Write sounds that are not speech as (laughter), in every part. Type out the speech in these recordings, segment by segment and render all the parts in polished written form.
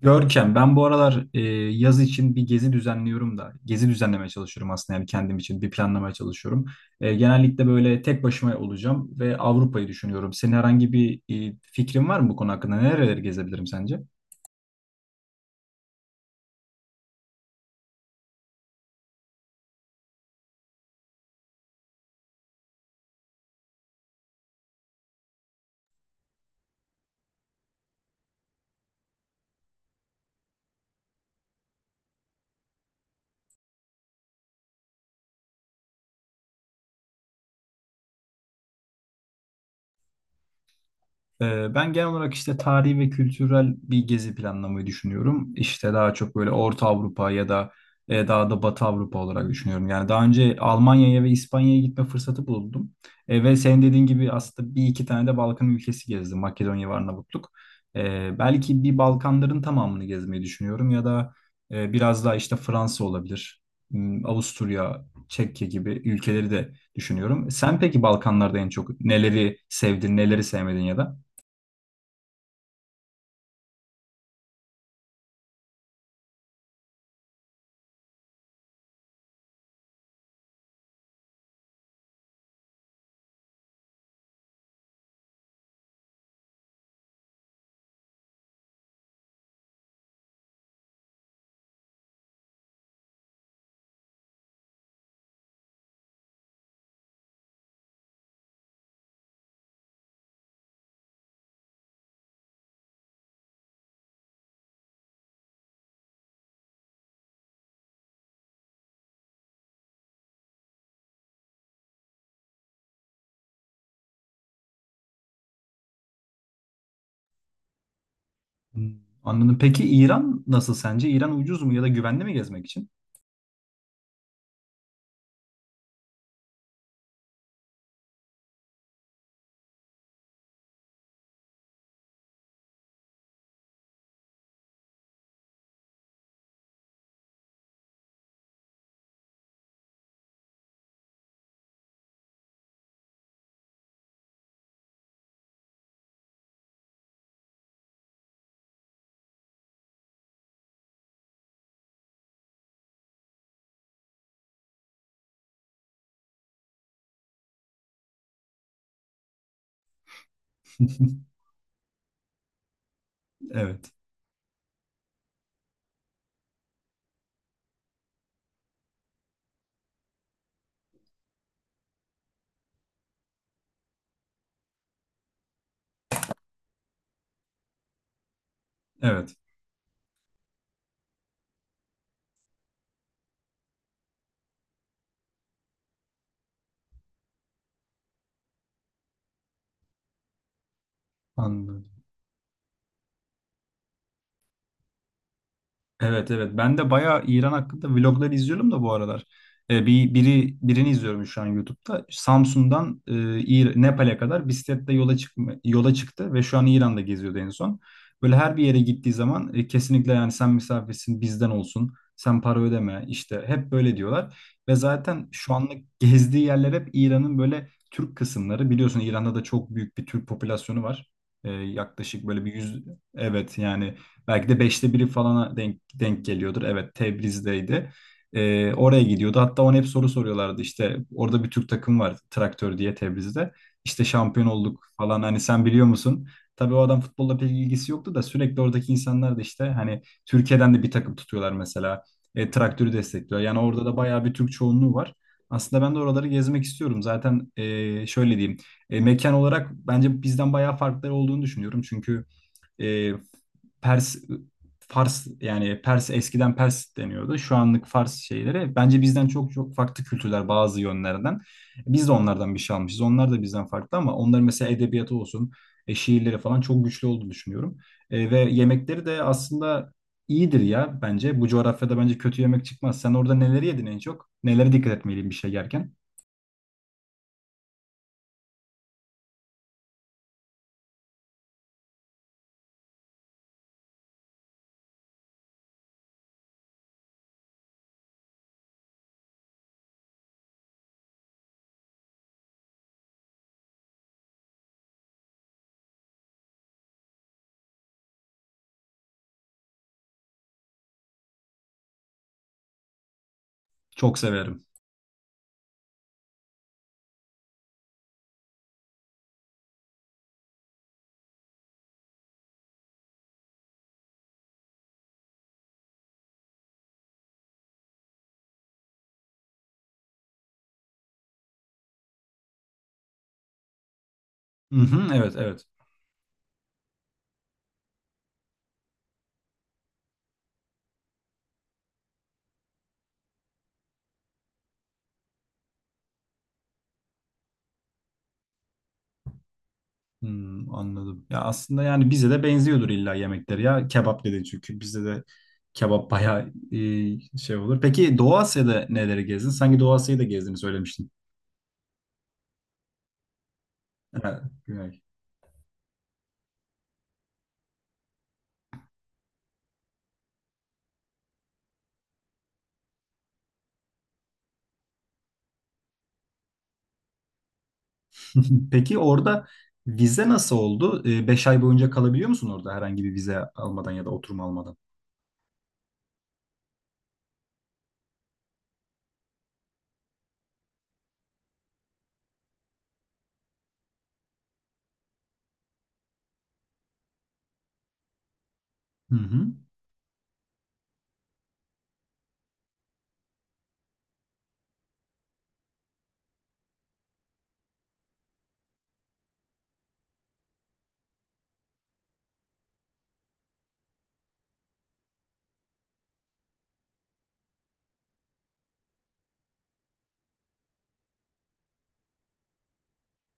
Görkem, ben bu aralar yaz için bir gezi düzenliyorum da, gezi düzenlemeye çalışıyorum aslında yani kendim için bir planlamaya çalışıyorum. Genellikle böyle tek başıma olacağım ve Avrupa'yı düşünüyorum. Senin herhangi bir fikrin var mı bu konu hakkında? Nereleri gezebilirim sence? Ben genel olarak işte tarihi ve kültürel bir gezi planlamayı düşünüyorum. İşte daha çok böyle Orta Avrupa ya da daha da Batı Avrupa olarak düşünüyorum. Yani daha önce Almanya'ya ve İspanya'ya gitme fırsatı buldum. Ve senin dediğin gibi aslında bir iki tane de Balkan ülkesi gezdim. Makedonya ve Arnavutluk. Belki bir Balkanların tamamını gezmeyi düşünüyorum ya da biraz daha işte Fransa olabilir. Hmm, Avusturya, Çekya gibi ülkeleri de düşünüyorum. Sen peki Balkanlarda en çok neleri sevdin, neleri sevmedin ya da? Hmm, anladım. Peki İran nasıl sence? İran ucuz mu ya da güvenli mi gezmek için? (laughs) Evet. Evet. Anladım. Evet, evet. Ben de bayağı İran hakkında vlogları izliyorum da bu aralar. Birini izliyorum şu an YouTube'da. Samsun'dan Nepal'e kadar bisikletle yola çıkma, yola çıktı ve şu an İran'da geziyordu en son. Böyle her bir yere gittiği zaman kesinlikle yani sen misafirsin bizden olsun. Sen para ödeme işte hep böyle diyorlar. Ve zaten şu anlık gezdiği yerler hep İran'ın böyle Türk kısımları. Biliyorsun İran'da da çok büyük bir Türk popülasyonu var. Yaklaşık böyle bir yüz, evet yani belki de beşte biri falana denk geliyordur. Evet, Tebriz'deydi. Oraya gidiyordu. Hatta ona hep soru soruyorlardı. İşte orada bir Türk takım var, Traktör diye, Tebriz'de. İşte şampiyon olduk falan, hani sen biliyor musun? Tabii o adam futbolla pek ilgisi yoktu da sürekli oradaki insanlar da işte hani Türkiye'den de bir takım tutuyorlar mesela. Traktörü destekliyor. Yani orada da bayağı bir Türk çoğunluğu var. Aslında ben de oraları gezmek istiyorum. Zaten şöyle diyeyim. Mekan olarak bence bizden bayağı farkları olduğunu düşünüyorum. Çünkü e, Pers Fars, yani Pers, eskiden Pers deniyordu. Şu anlık Fars şeyleri bence bizden çok çok farklı kültürler bazı yönlerden. Biz de onlardan bir şey almışız. Onlar da bizden farklı ama onların mesela edebiyatı olsun, şiirleri falan çok güçlü olduğunu düşünüyorum. Ve yemekleri de aslında iyidir ya bence. Bu coğrafyada bence kötü yemek çıkmaz. Sen orada neleri yedin en çok? Nelere dikkat etmeliyim bir şey yerken? Çok severim. Hı hı, evet, evet. Hmm, anladım. Ya aslında yani bize de benziyordur illa yemekleri ya. Kebap dedin çünkü bizde de kebap bayağı şey olur. Peki Doğu Asya'da neleri gezdin? Sanki Doğu Asya'yı da gezdiğini söylemiştin. Ha, Güney. (laughs) Peki orada vize nasıl oldu? 5 ay boyunca kalabiliyor musun orada herhangi bir vize almadan ya da oturum almadan? Hı hı.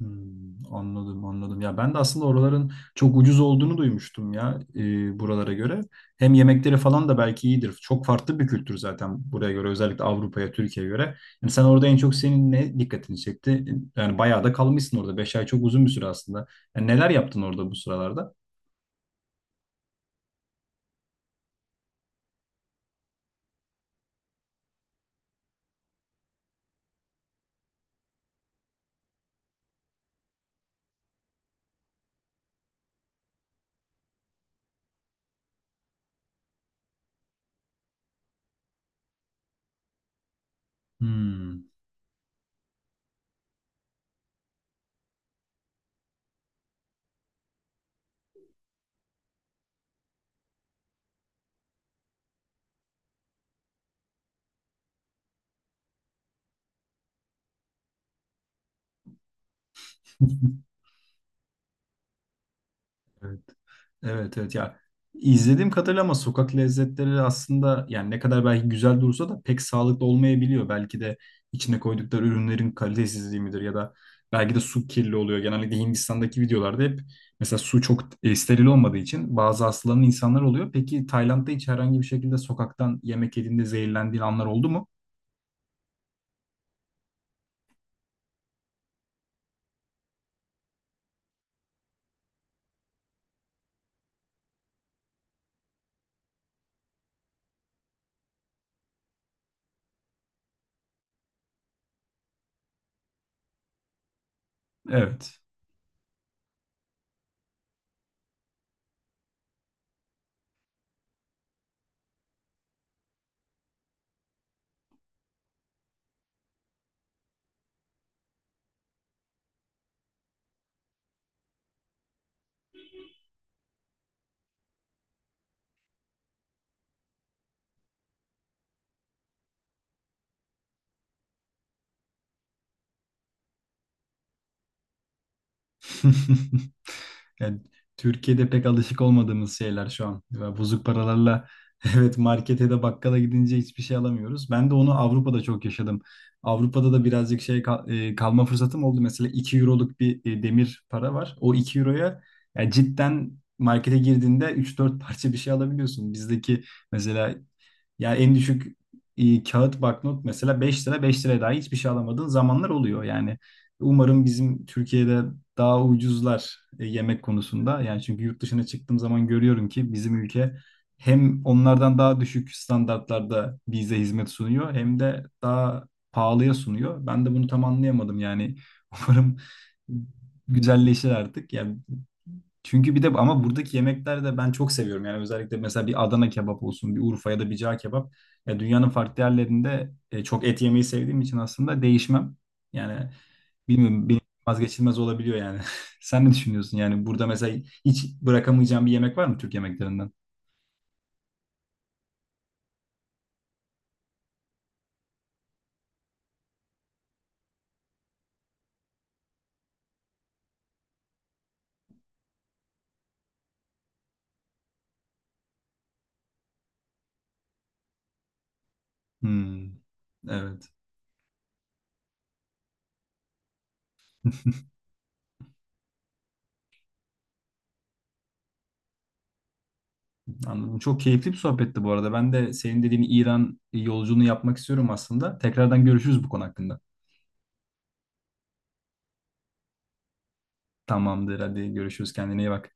Hmm, anladım, anladım. Ya ben de aslında oraların çok ucuz olduğunu duymuştum ya buralara göre. Hem yemekleri falan da belki iyidir. Çok farklı bir kültür zaten buraya göre, özellikle Avrupa'ya, Türkiye'ye göre. Yani sen orada en çok senin ne dikkatini çekti? Yani bayağı da kalmışsın orada. 5 ay çok uzun bir süre aslında. Yani neler yaptın orada bu sıralarda? Hmm. (laughs) Evet. Evet, evet ya, izlediğim kadarıyla ama sokak lezzetleri aslında yani ne kadar belki güzel dursa da pek sağlıklı olmayabiliyor. Belki de içine koydukları ürünlerin kalitesizliği midir ya da belki de su kirli oluyor. Genellikle Hindistan'daki videolarda hep mesela su çok steril olmadığı için bazı hastalanan insanlar oluyor. Peki Tayland'da hiç herhangi bir şekilde sokaktan yemek yediğinde zehirlendiğin anlar oldu mu? Evet. (laughs) Yani Türkiye'de pek alışık olmadığımız şeyler şu an. Ya bozuk paralarla (laughs) evet markete de bakkala gidince hiçbir şey alamıyoruz. Ben de onu Avrupa'da çok yaşadım. Avrupa'da da birazcık kalma fırsatım oldu. Mesela 2 euroluk bir demir para var. O 2 euroya, yani cidden markete girdiğinde üç dört parça bir şey alabiliyorsun. Bizdeki mesela yani en düşük kağıt banknot mesela 5 lira, 5 liraya daha hiçbir şey alamadığın zamanlar oluyor. Yani umarım bizim Türkiye'de daha ucuzlar yemek konusunda. Yani çünkü yurt dışına çıktığım zaman görüyorum ki bizim ülke hem onlardan daha düşük standartlarda bize hizmet sunuyor hem de daha pahalıya sunuyor. Ben de bunu tam anlayamadım yani. (laughs) Umarım güzelleşir artık. Yani çünkü bir de ama buradaki yemekler de ben çok seviyorum. Yani özellikle mesela bir Adana kebap olsun, bir Urfa ya da bir cağ kebap. Ya dünyanın farklı yerlerinde çok et yemeyi sevdiğim için aslında değişmem. Yani bilmiyorum, benim vazgeçilmez olabiliyor yani. (laughs) Sen ne düşünüyorsun? Yani burada mesela hiç bırakamayacağım bir yemek var mı Türk yemeklerinden? Hmm, evet. (laughs) Anladım. Çok keyifli bir sohbetti bu arada. Ben de senin dediğin İran yolculuğunu yapmak istiyorum aslında. Tekrardan görüşürüz bu konu hakkında. Tamamdır. Hadi görüşürüz. Kendine iyi bak.